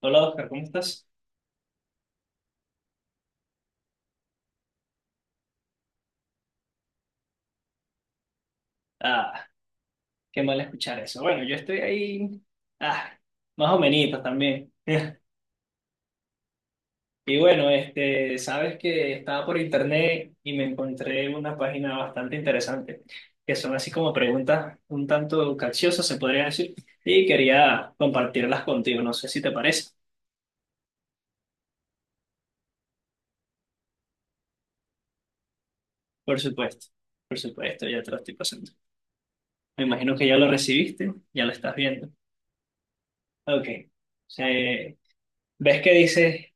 Hola Oscar, ¿cómo estás? Ah, qué mal escuchar eso. Bueno, yo estoy ahí, ah, más o menos también. Y bueno, sabes que estaba por internet y me encontré una página bastante interesante, que son así como preguntas un tanto capciosas, se podría decir, y quería compartirlas contigo, no sé si te parece. Por supuesto, por supuesto, ya te lo estoy pasando. Me imagino que ya lo recibiste, ya lo estás viendo. Ok. Eh, ¿Ves que dice?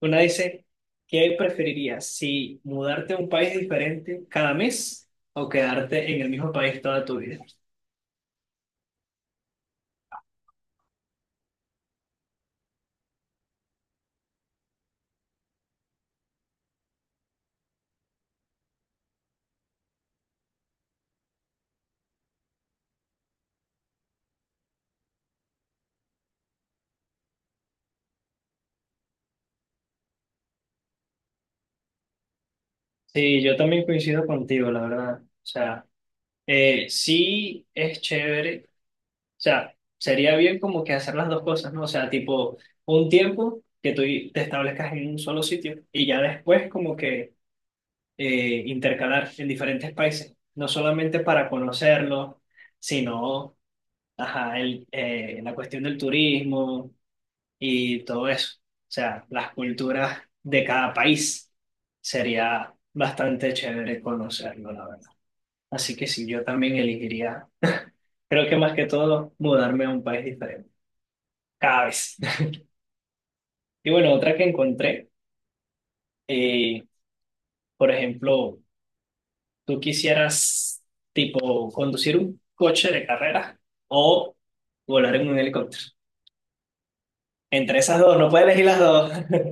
Una dice, ¿qué preferirías? ¿Si mudarte a un país diferente cada mes o quedarte en el mismo país toda tu vida? Sí, yo también coincido contigo, la verdad. O sea, sí es chévere. O sea, sería bien como que hacer las dos cosas, ¿no? O sea, tipo, un tiempo que tú te establezcas en un solo sitio y ya después como que intercalar en diferentes países, no solamente para conocerlos, sino, ajá, la cuestión del turismo y todo eso. O sea, las culturas de cada país sería bastante chévere conocerlo, la verdad. Así que sí, yo también elegiría, creo que más que todo, mudarme a un país diferente, cada vez. Y bueno, otra que encontré, eh, por ejemplo, tú quisieras, tipo, conducir un coche de carrera o volar en un helicóptero. Entre esas dos, no puedes elegir las dos.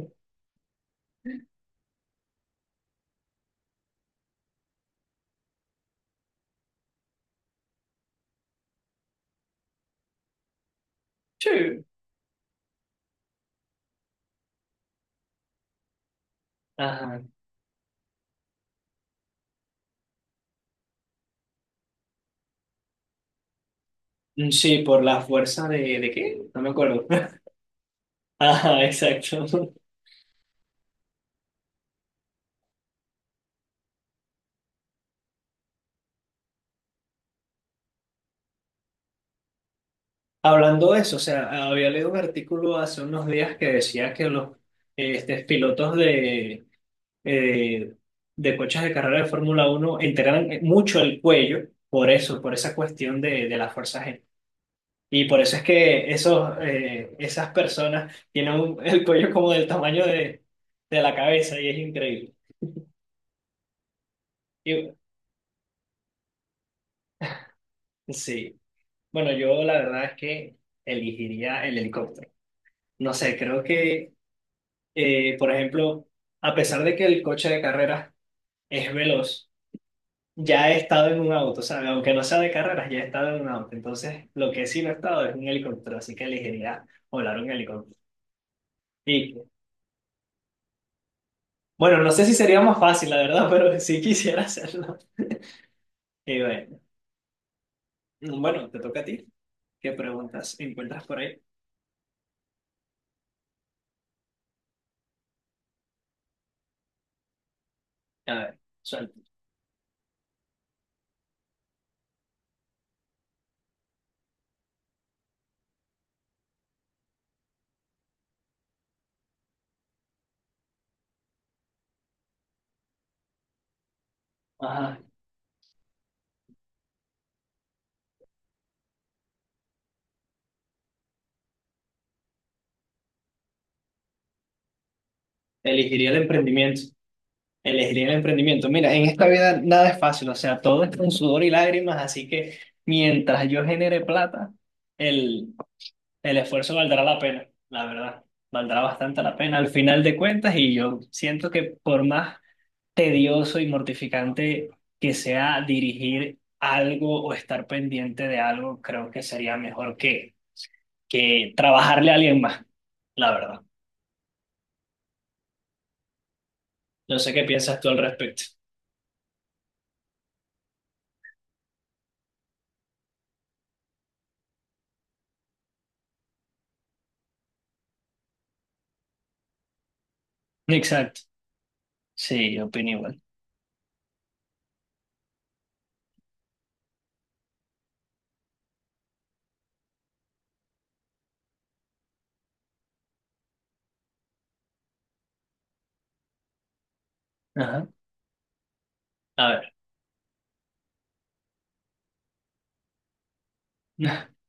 Sí. Ajá. Sí, por la fuerza ¿de qué? No me acuerdo. Ajá, exacto. Hablando de eso, o sea, había leído un artículo hace unos días que decía que los pilotos eh, de coches de carrera de Fórmula 1 entrenan mucho el cuello por eso, por esa cuestión de la fuerza G. Y por eso es que esos, esas personas tienen un- el cuello como del tamaño de la cabeza y es increíble. Y, sí, bueno, yo la verdad es que elegiría el helicóptero. No sé, creo que por ejemplo, a pesar de que el coche de carreras es veloz, ya he estado en un auto, ¿sabes? Aunque no sea de carreras, ya he estado en un auto. Entonces, lo que sí no he estado es en un helicóptero, así que elegiría volar un helicóptero. Y bueno, no sé si sería más fácil, la verdad, pero sí quisiera hacerlo. Y bueno, te toca a ti. ¿Qué preguntas encuentras por ahí? A ver, suelta. Ajá, elegiría el emprendimiento. Elegiría el emprendimiento. Mira, en esta vida nada es fácil, o sea, todo es con sudor y lágrimas, así que mientras yo genere plata, el, el esfuerzo valdrá la pena, la verdad, valdrá bastante la pena al final de cuentas y yo siento que por más tedioso y mortificante que sea dirigir algo o estar pendiente de algo, creo que sería mejor que trabajarle a alguien más, la verdad. No sé qué piensas tú al respecto. Exacto. Sí, opino igual. Ajá. A ver.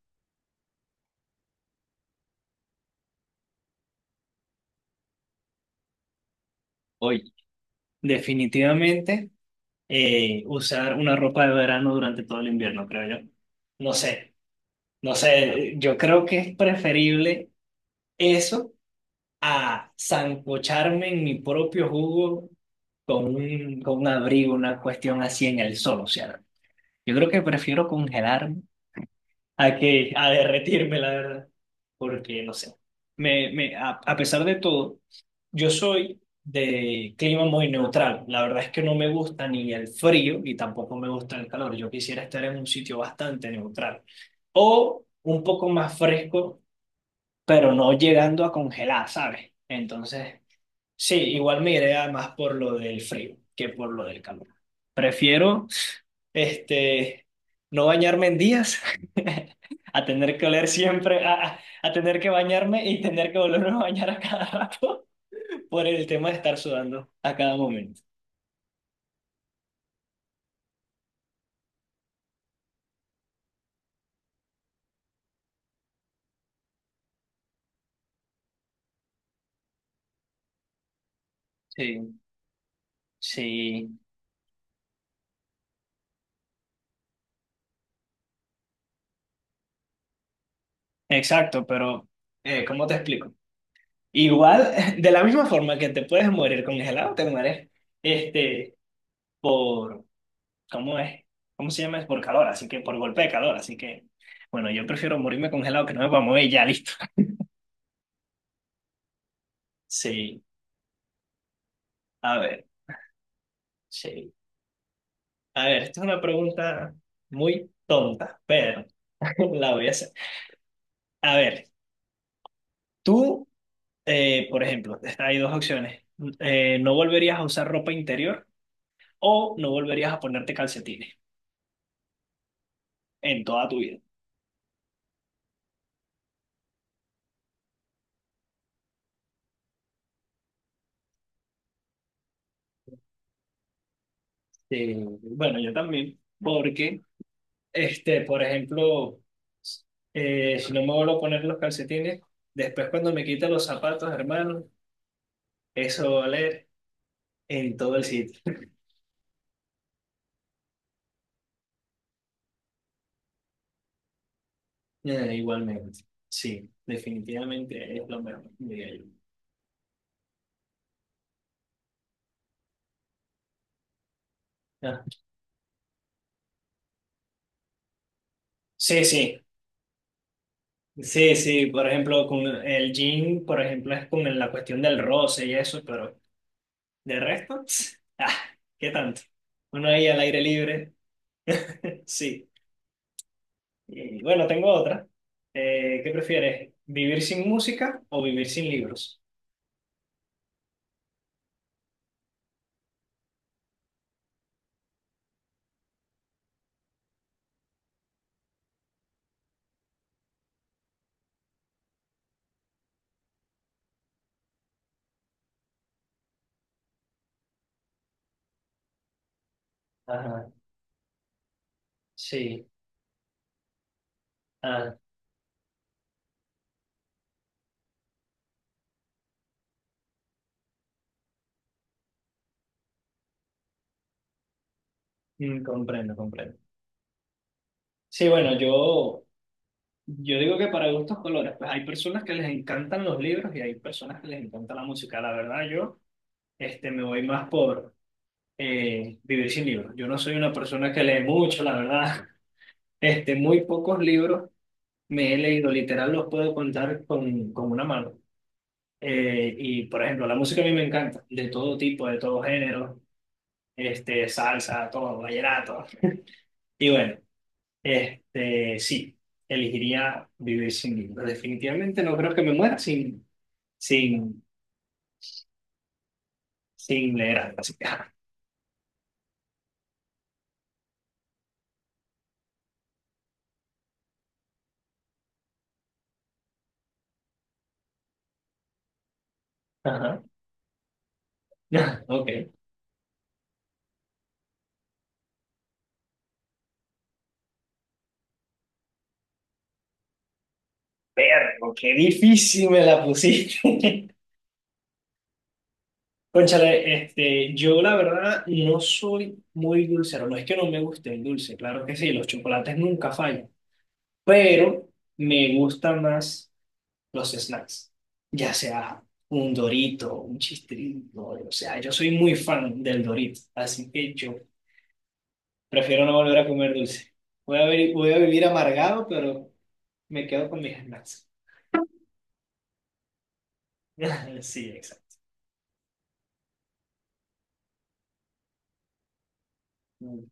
Hoy. Definitivamente, usar una ropa de verano durante todo el invierno, creo yo. No sé, no sé, yo creo que es preferible eso a sancocharme en mi propio jugo con un abrigo, una cuestión así en el sol, o sea, yo creo que prefiero congelar a que a derretirme, la verdad, porque no sé. Me, a pesar de todo, yo soy de clima muy neutral. La verdad es que no me gusta ni el frío y tampoco me gusta el calor. Yo quisiera estar en un sitio bastante neutral o un poco más fresco, pero no llegando a congelar, ¿sabes? Entonces, sí, igual me iré a más por lo del frío que por lo del calor. Prefiero este, no bañarme en días, a tener que oler siempre, a tener que bañarme y tener que volverme a bañar a cada rato por el tema de estar sudando a cada momento. Sí, sí, exacto, pero ¿cómo te explico? Igual, de la misma forma que te puedes morir congelado, te mueres este, por, ¿cómo es? ¿Cómo se llama? Es por calor, así que por golpe de calor, así que, bueno, yo prefiero morirme congelado que no me pueda mover y ya, listo. Sí, a ver, sí. A ver, esta es una pregunta muy tonta, pero la voy a hacer. A ver, tú, por ejemplo, hay dos opciones. No volverías a usar ropa interior o no volverías a ponerte calcetines en toda tu vida. Eh, bueno, yo también, porque, por ejemplo, si no me vuelvo a poner los calcetines, después cuando me quita los zapatos, hermano, eso va a oler en todo el sitio. Igualmente, sí, definitivamente es lo mejor, diría yo. Ah, sí, sí, sí, sí, por ejemplo, con el jean, por ejemplo, es con la cuestión del roce y eso, pero de resto, ah, ¿qué tanto? Uno ahí al aire libre, sí. Y bueno, tengo otra. ¿Qué prefieres? ¿Vivir sin música o vivir sin libros? Ajá, sí, ah, mm, comprendo, comprendo. Sí, bueno, yo... Yo digo que para gustos colores, pues hay personas que les encantan los libros y hay personas que les encanta la música. La verdad, yo me voy más por vivir sin libros. Yo no soy una persona que lee mucho, la verdad. Muy pocos libros me he leído, literal los puedo contar con una mano. Y por ejemplo, la música a mí me encanta, de todo tipo, de todo género, salsa, todo, vallenato. Y bueno, sí, elegiría vivir sin libros. Definitivamente no creo que me muera sin sin, sin leer algo. Así que, ah, ajá. Ok. Vergo, qué difícil me la pusiste. Cónchale, yo la verdad no soy muy dulcero. No es que no me guste el dulce, claro que sí, los chocolates nunca fallan. Pero me gustan más los snacks, ya sea un Dorito, un Chistrito. O sea, yo soy muy fan del Dorito. Así que yo prefiero no volver a comer dulce. Voy a, vi- voy a vivir amargado, pero me quedo con mis snacks. Sí, exacto. Mm.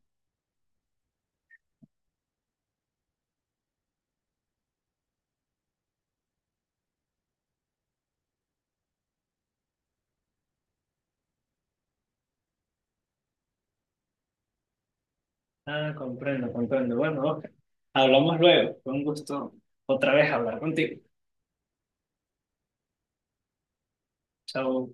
Ah, comprendo, comprendo. Bueno, Oscar, hablamos luego. Fue un gusto otra vez hablar contigo. Chao.